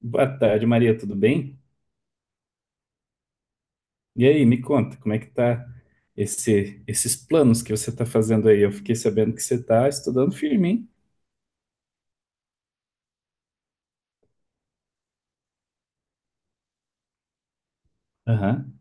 Boa tarde, Maria, tudo bem? E aí, me conta, como é que tá esses planos que você está fazendo aí? Eu fiquei sabendo que você está estudando firme, hein? Aham,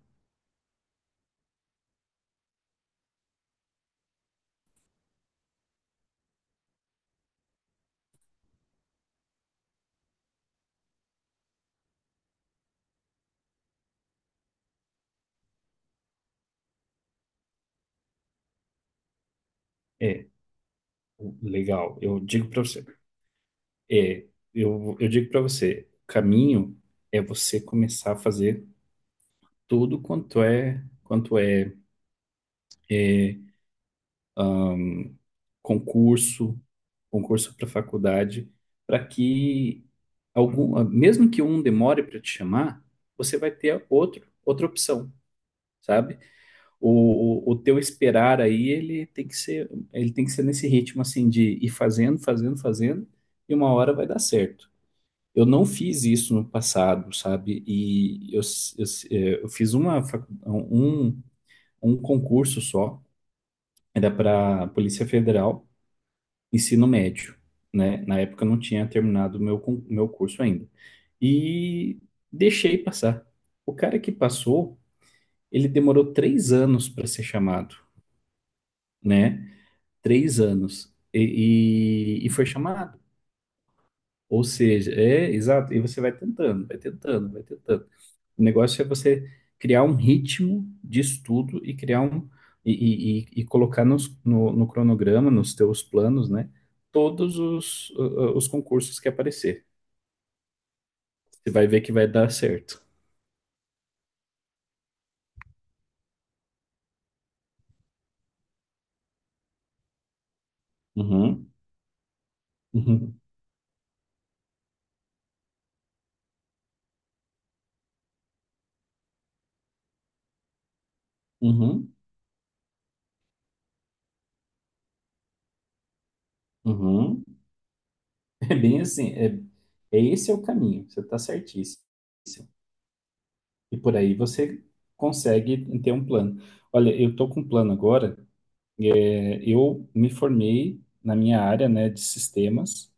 é, legal. Eu digo para você, é, eu digo para você, o caminho é você começar a fazer tudo quanto é, é, concurso, concurso para faculdade, para que algum, mesmo que um demore para te chamar, você vai ter outra opção, sabe? O teu esperar aí, ele tem que ser nesse ritmo assim de ir fazendo, fazendo, fazendo, e uma hora vai dar certo. Eu não fiz isso no passado, sabe? E eu fiz um concurso só, era para Polícia Federal, ensino médio, né? Na época eu não tinha terminado o meu curso ainda. E deixei passar. O cara que passou, ele demorou três anos para ser chamado, né? Três anos e foi chamado. Ou seja, é exato, e você vai tentando, vai tentando, vai tentando. O negócio é você criar um ritmo de estudo e criar e colocar no, no cronograma, nos teus planos, né? Todos os concursos que aparecer. Você vai ver que vai dar certo. Uhum, uhum, uhum, uhum. É bem assim, é, esse é o caminho, você está certíssimo. E por aí você consegue ter um plano. Olha, eu estou com um plano agora. É, eu me formei na minha área, né, de sistemas,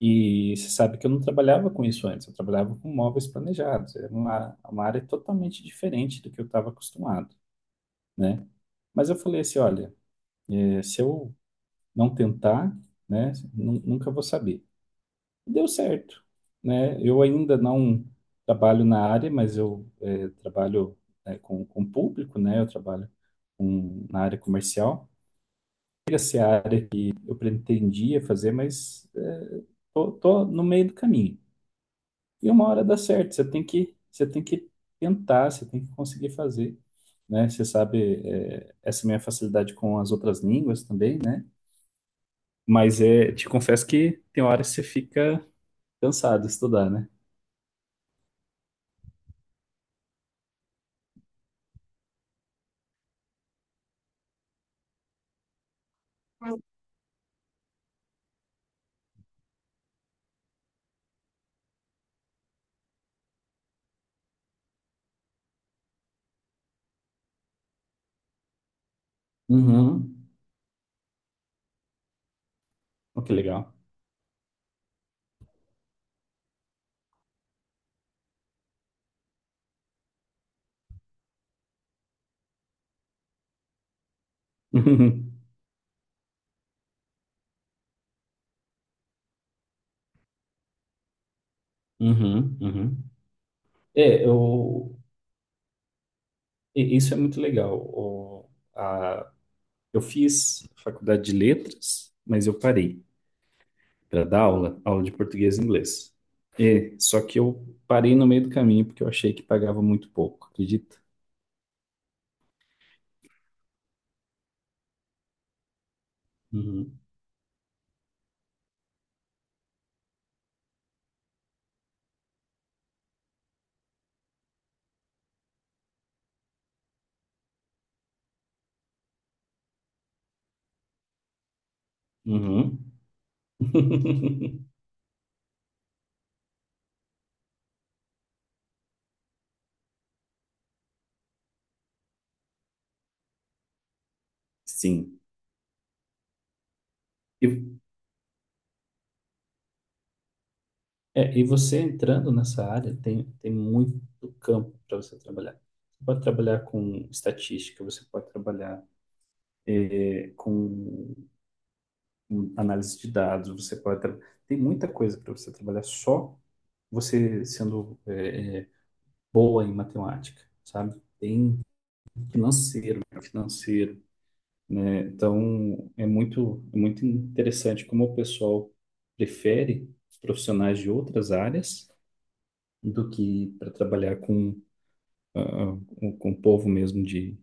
e você sabe que eu não trabalhava com isso antes. Eu trabalhava com móveis planejados. Era uma área totalmente diferente do que eu estava acostumado, né? Mas eu falei assim, olha, é, se eu não tentar, né, nunca vou saber. Deu certo, né? Eu ainda não trabalho na área, mas eu trabalho, né, com público, né? Eu trabalho na área comercial. Chega a ser a área que eu pretendia fazer, mas tô no meio do caminho. E uma hora dá certo, você tem que tentar, você tem que conseguir fazer, né? Você sabe, essa minha facilidade com as outras línguas também, né? Mas é, te confesso que tem horas que você fica cansado de estudar, né? Uhum. Oh, que legal. Uhum, uhum, uhum. É, eu, isso é muito legal. A- eu fiz faculdade de letras, mas eu parei para dar aula, aula de português e inglês. É, só que eu parei no meio do caminho porque eu achei que pagava muito pouco, acredita? Uhum, uhum. Sim. E, e você entrando nessa área, tem, tem muito campo para você trabalhar. Você pode trabalhar com estatística, você pode trabalhar com um análise de dados, tem muita coisa para você trabalhar, só você sendo boa em matemática, sabe? Tem financeiro, né? Financeiro, né? Então é muito interessante como o pessoal prefere profissionais de outras áreas do que para trabalhar com o povo mesmo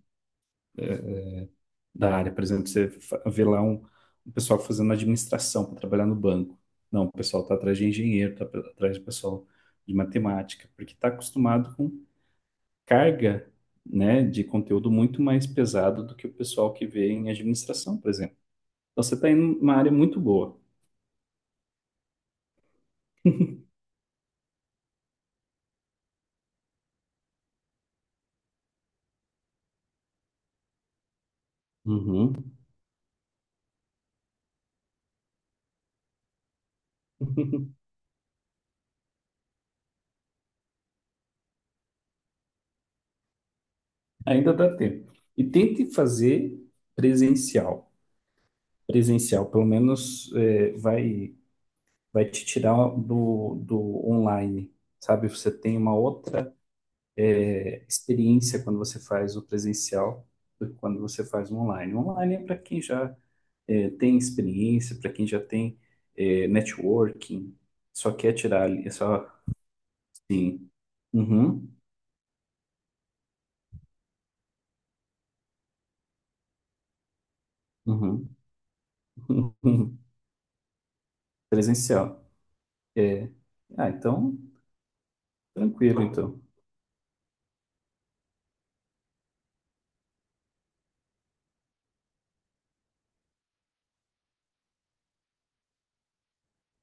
da área. Por exemplo, você vê lá um pessoal fazendo administração para trabalhar no banco. Não, o pessoal está atrás de engenheiro, está atrás do pessoal de matemática, porque está acostumado com carga, né, de conteúdo muito mais pesado do que o pessoal que vê em administração, por exemplo. Então, você está em uma área muito boa. Uhum. Ainda dá tempo. E tente fazer presencial. Presencial, pelo menos, é, vai. Vai te tirar do online, sabe? Você tem uma outra experiência quando você faz o presencial do que quando você faz o online. O online é para quem já tem experiência, para quem já tem networking, só quer tirar ali, é só assim. Uhum, uhum, presencial. É. Ah, então, tranquilo, então.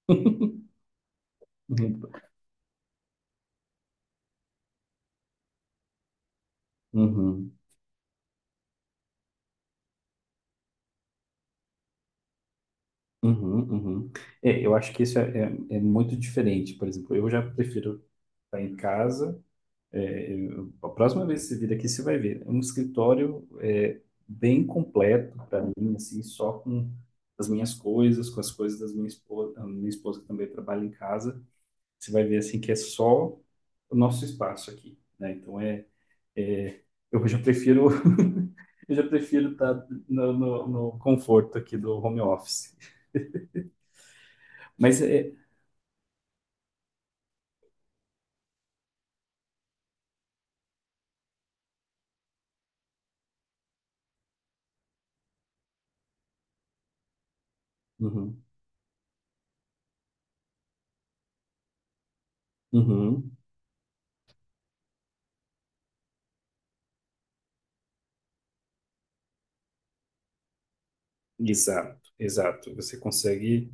Uhum, uhum, uhum, uhum. É, eu acho que isso é muito diferente. Por exemplo, eu já prefiro tá em casa. É, a próxima vez que você vir aqui, você vai ver. É um escritório, é, bem completo para mim, assim, só com as minhas coisas, com as coisas das minha esposa, a minha esposa que também trabalha em casa. Você vai ver assim que é só o nosso espaço aqui, né? Então é, é, eu já prefiro, eu já prefiro estar no conforto aqui do home office. Mas é uhum, uhum, exato, exato. Você consegue.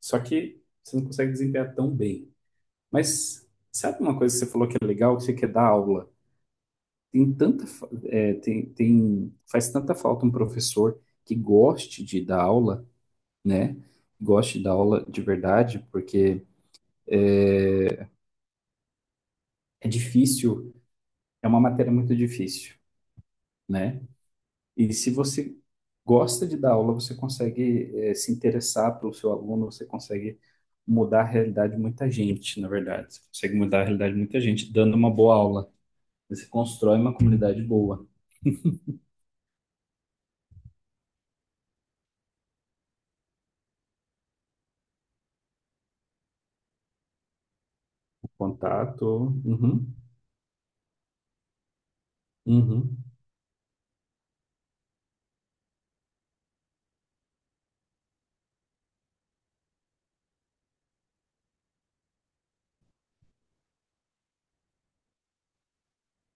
Só que você não consegue desempenhar tão bem. Mas sabe uma coisa que você falou que é legal, que você quer dar aula? Tem tanta, tem, faz tanta falta um professor que goste de dar aula, né? Goste de dar aula de verdade, porque é difícil, é uma matéria muito difícil, né? E se você gosta de dar aula, você consegue, é, se interessar pelo seu aluno, você consegue mudar a realidade de muita gente, na verdade. Você consegue mudar a realidade de muita gente dando uma boa aula. Você constrói uma comunidade boa. Contato. Uhum. Uhum.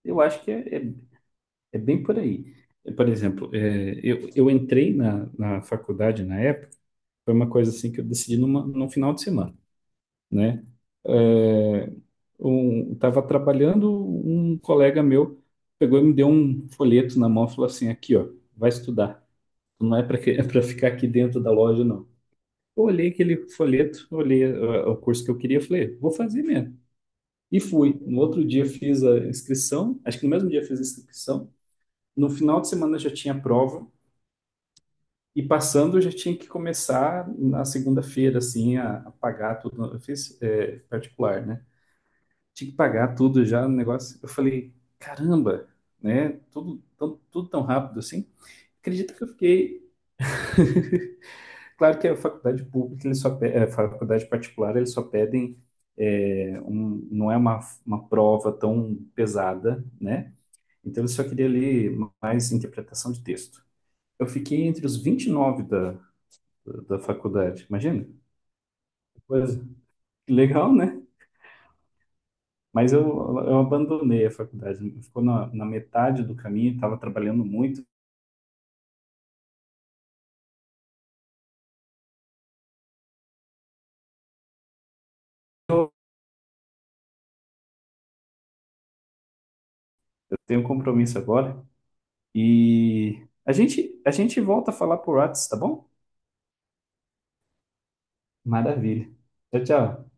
Eu acho que é bem por aí. É, por exemplo, é, eu entrei na faculdade na época, foi uma coisa assim que eu decidi num final de semana, né? É, um, estava trabalhando, um colega meu pegou e me deu um folheto na mão e falou assim, aqui, ó, vai estudar. Não é para é para ficar aqui dentro da loja, não. Eu olhei aquele folheto, olhei o curso que eu queria, falei, vou fazer mesmo. E fui. No outro dia fiz a inscrição, acho que no mesmo dia fiz a inscrição. No final de semana já tinha prova, e passando eu já tinha que começar na segunda-feira, assim, a pagar tudo. Eu fiz, é, particular, né? Tinha que pagar tudo já no negócio. Eu falei, caramba, né? Tudo tão rápido assim. Acredita que eu fiquei. Claro que a faculdade pública, eles só, a faculdade particular, eles só pedem, é, um, não é uma prova tão pesada, né? Então, eu só queria ler mais interpretação de texto. Eu fiquei entre os 29 da faculdade, imagina? Coisa legal, né? Mas eu abandonei a faculdade, ficou na metade do caminho, estava trabalhando muito, eu tenho um compromisso agora. E a gente volta a falar por WhatsApp, tá bom? Maravilha. Tchau, tchau.